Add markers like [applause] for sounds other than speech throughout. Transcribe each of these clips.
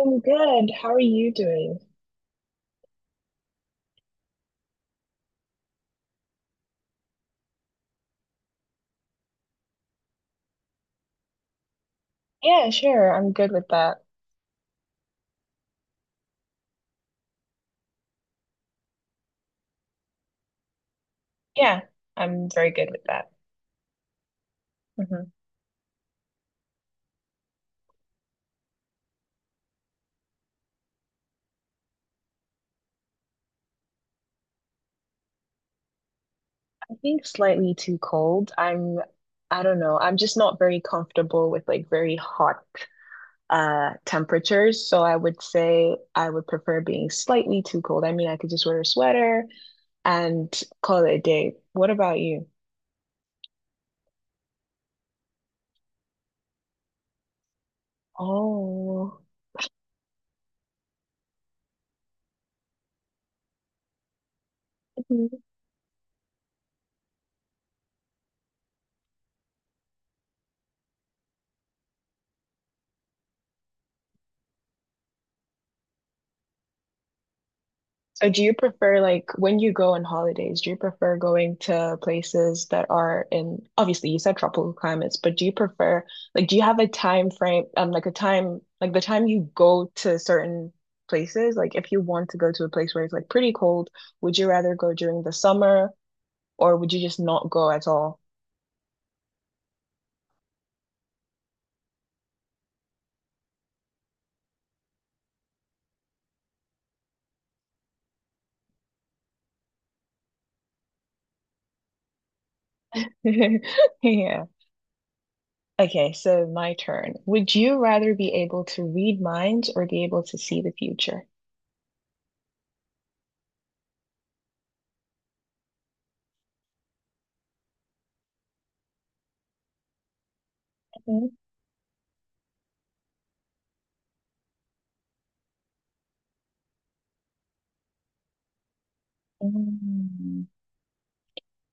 I'm good. How are you doing? Yeah, sure. I'm good with that. Yeah, I'm very good with that. Hmm I think slightly too cold. I don't know. I'm just not very comfortable with like very hot temperatures. So I would say I would prefer being slightly too cold. I mean, I could just wear a sweater and call it a day. What about you? Oh. So do you prefer like when you go on holidays, do you prefer going to places that are in obviously you said tropical climates, but do you prefer like do you have a time frame like a time like the time you go to certain places, like if you want to go to a place where it's like pretty cold, would you rather go during the summer or would you just not go at all? [laughs] Yeah. Okay, so my turn. Would you rather be able to read minds or be able to see the future? Mhm. Mm.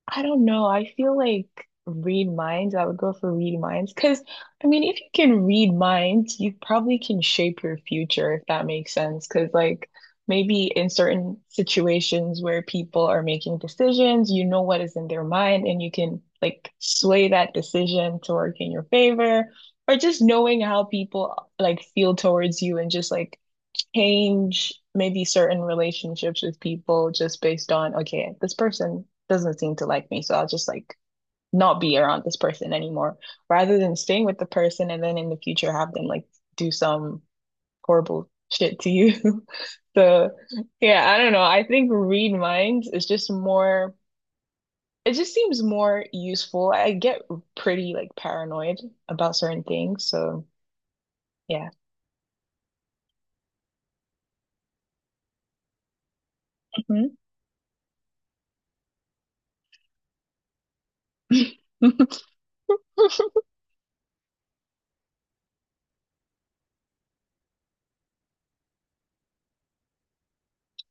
I don't know. I feel like read minds. I would go for read minds because I mean, if you can read minds, you probably can shape your future if that makes sense. Because like maybe in certain situations where people are making decisions, you know what is in their mind, and you can like sway that decision to work in your favor, or just knowing how people like feel towards you and just like change maybe certain relationships with people just based on, okay, this person doesn't seem to like me, so I'll just like not be around this person anymore, rather than staying with the person and then in the future have them like do some horrible shit to you. [laughs] So, yeah, I don't know. I think read minds is just more, it just seems more useful. I get pretty like paranoid about certain things, so yeah. Mhm. [laughs]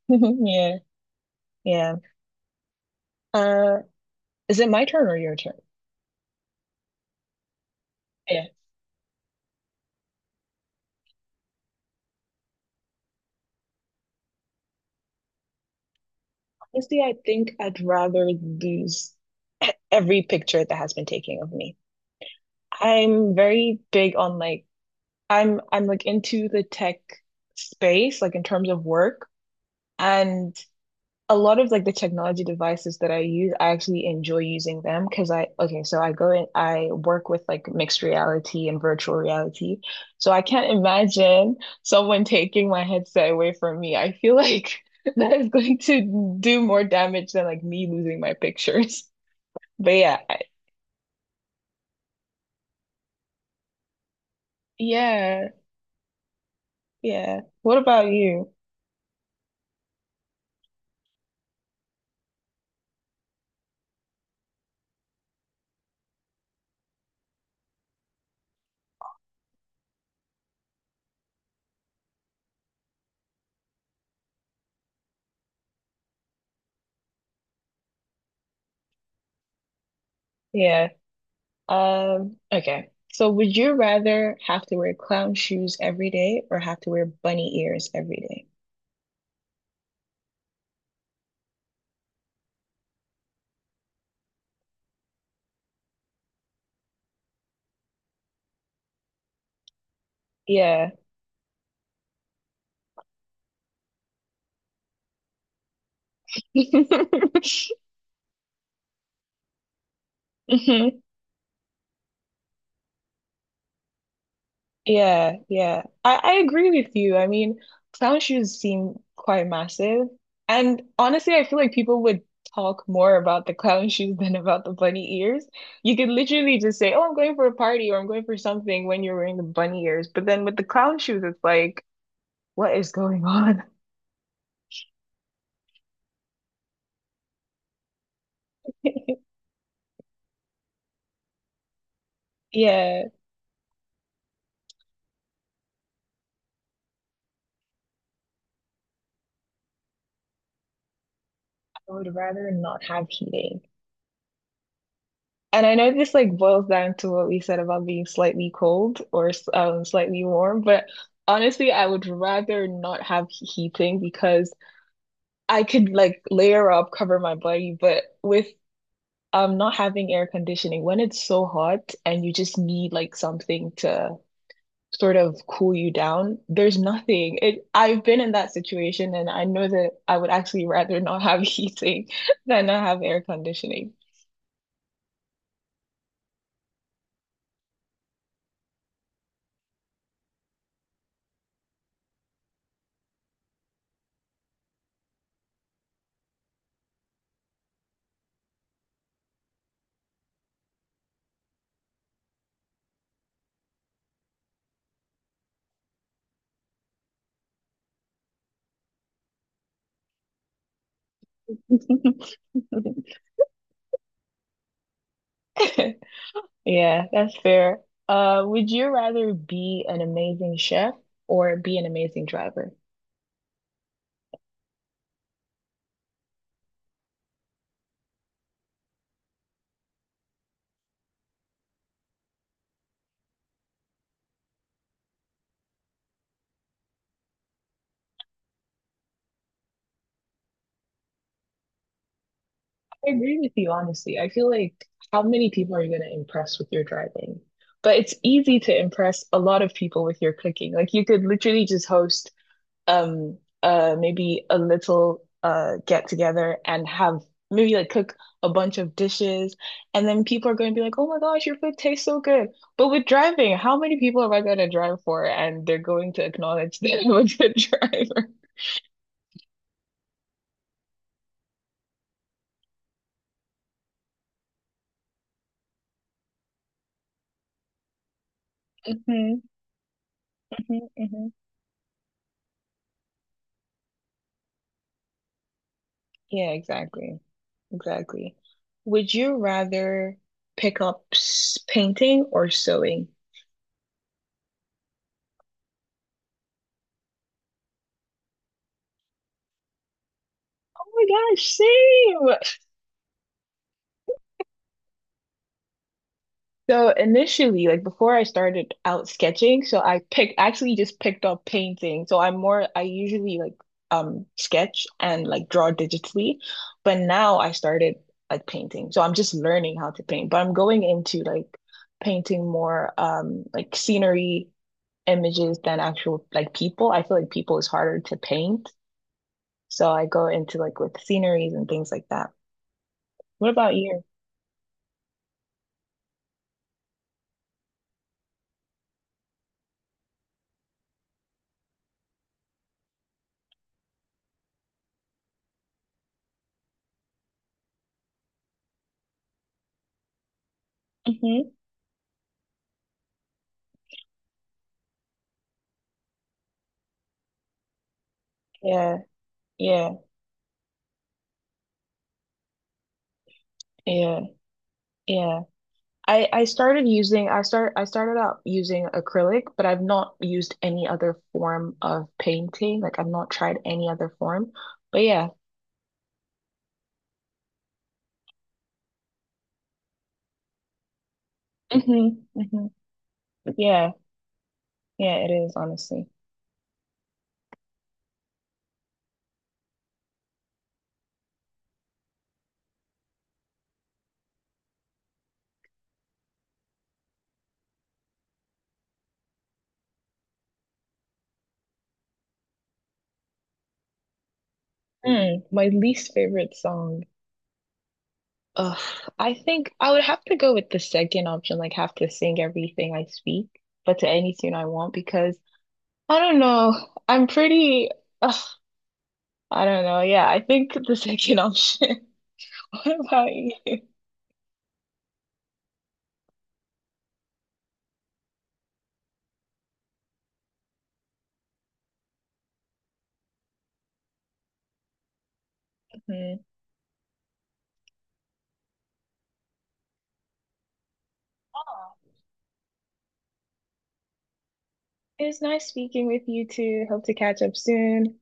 Yeah, yeah. Uh, Is it my turn or your turn? Yeah. Honestly, I think I'd rather lose [laughs] every picture that has been taken of me. I'm very big on like I'm like into the tech space, like in terms of work. And a lot of like the technology devices that I use, I actually enjoy using them because I, okay, so I go and I work with like mixed reality and virtual reality. So I can't imagine someone taking my headset away from me. I feel like [laughs] that is going to do more damage than like me losing my pictures. [laughs] But yeah, I- yeah, yeah. What about you? Yeah. Okay. So would you rather have to wear clown shoes every day or have to wear bunny ears every day? Yeah. [laughs] Mhm. Yeah, yeah. I agree with you. I mean, clown shoes seem quite massive. And honestly, I feel like people would talk more about the clown [laughs] shoes than about the bunny ears. You could literally just say, oh, I'm going for a party or I'm going for something when you're wearing the bunny ears. But then with the clown shoes, it's like, what is going on? [laughs] Yeah, I would rather not have heating. And I know this like boils down to what we said about being slightly cold or slightly warm, but honestly, I would rather not have heating because I could like layer up, cover my body, but with not having air conditioning, when it's so hot and you just need like something to sort of cool you down, there's nothing. It I've been in that situation and I know that I would actually rather not have [laughs] heating than not have air conditioning. [laughs] Yeah, that's fair. Would you rather be an amazing chef or be an amazing driver? I agree with you, honestly. I feel like how many people are you going to impress with your driving? But it's easy to impress a lot of people with your cooking. Like you could literally just host maybe a little get together and have maybe like cook a bunch of dishes and then people are going to be like oh my gosh your food tastes so good but with driving how many people am I going to drive for and they're going to acknowledge that I'm a good [laughs] driver hmm hmm hmm yeah exactly exactly would you rather pick up painting or sewing? Oh my gosh, same. So initially, like before I started out sketching, so I picked actually just picked up painting. So I'm more I usually like sketch and like draw digitally, but now I started like painting. So I'm just learning how to paint, but I'm going into like painting more like scenery images than actual like people. I feel like people is harder to paint. So I go into like with sceneries and things like that. What about you? Hmm Yeah, yeah, yeah, yeah. I started out using acrylic, but I've not used any other form of painting. Like I've not tried any other form. But yeah. hmm hmm Yeah. Yeah, it is honestly. Mm, my least favorite song. Ugh, I think I would have to go with the second option, like have to sing everything I speak, but to any tune I want because I don't know. I'm pretty ugh, I don't know. Yeah, I think the second option. [laughs] What about you? Mhm. It was nice speaking with you too. Hope to catch up soon.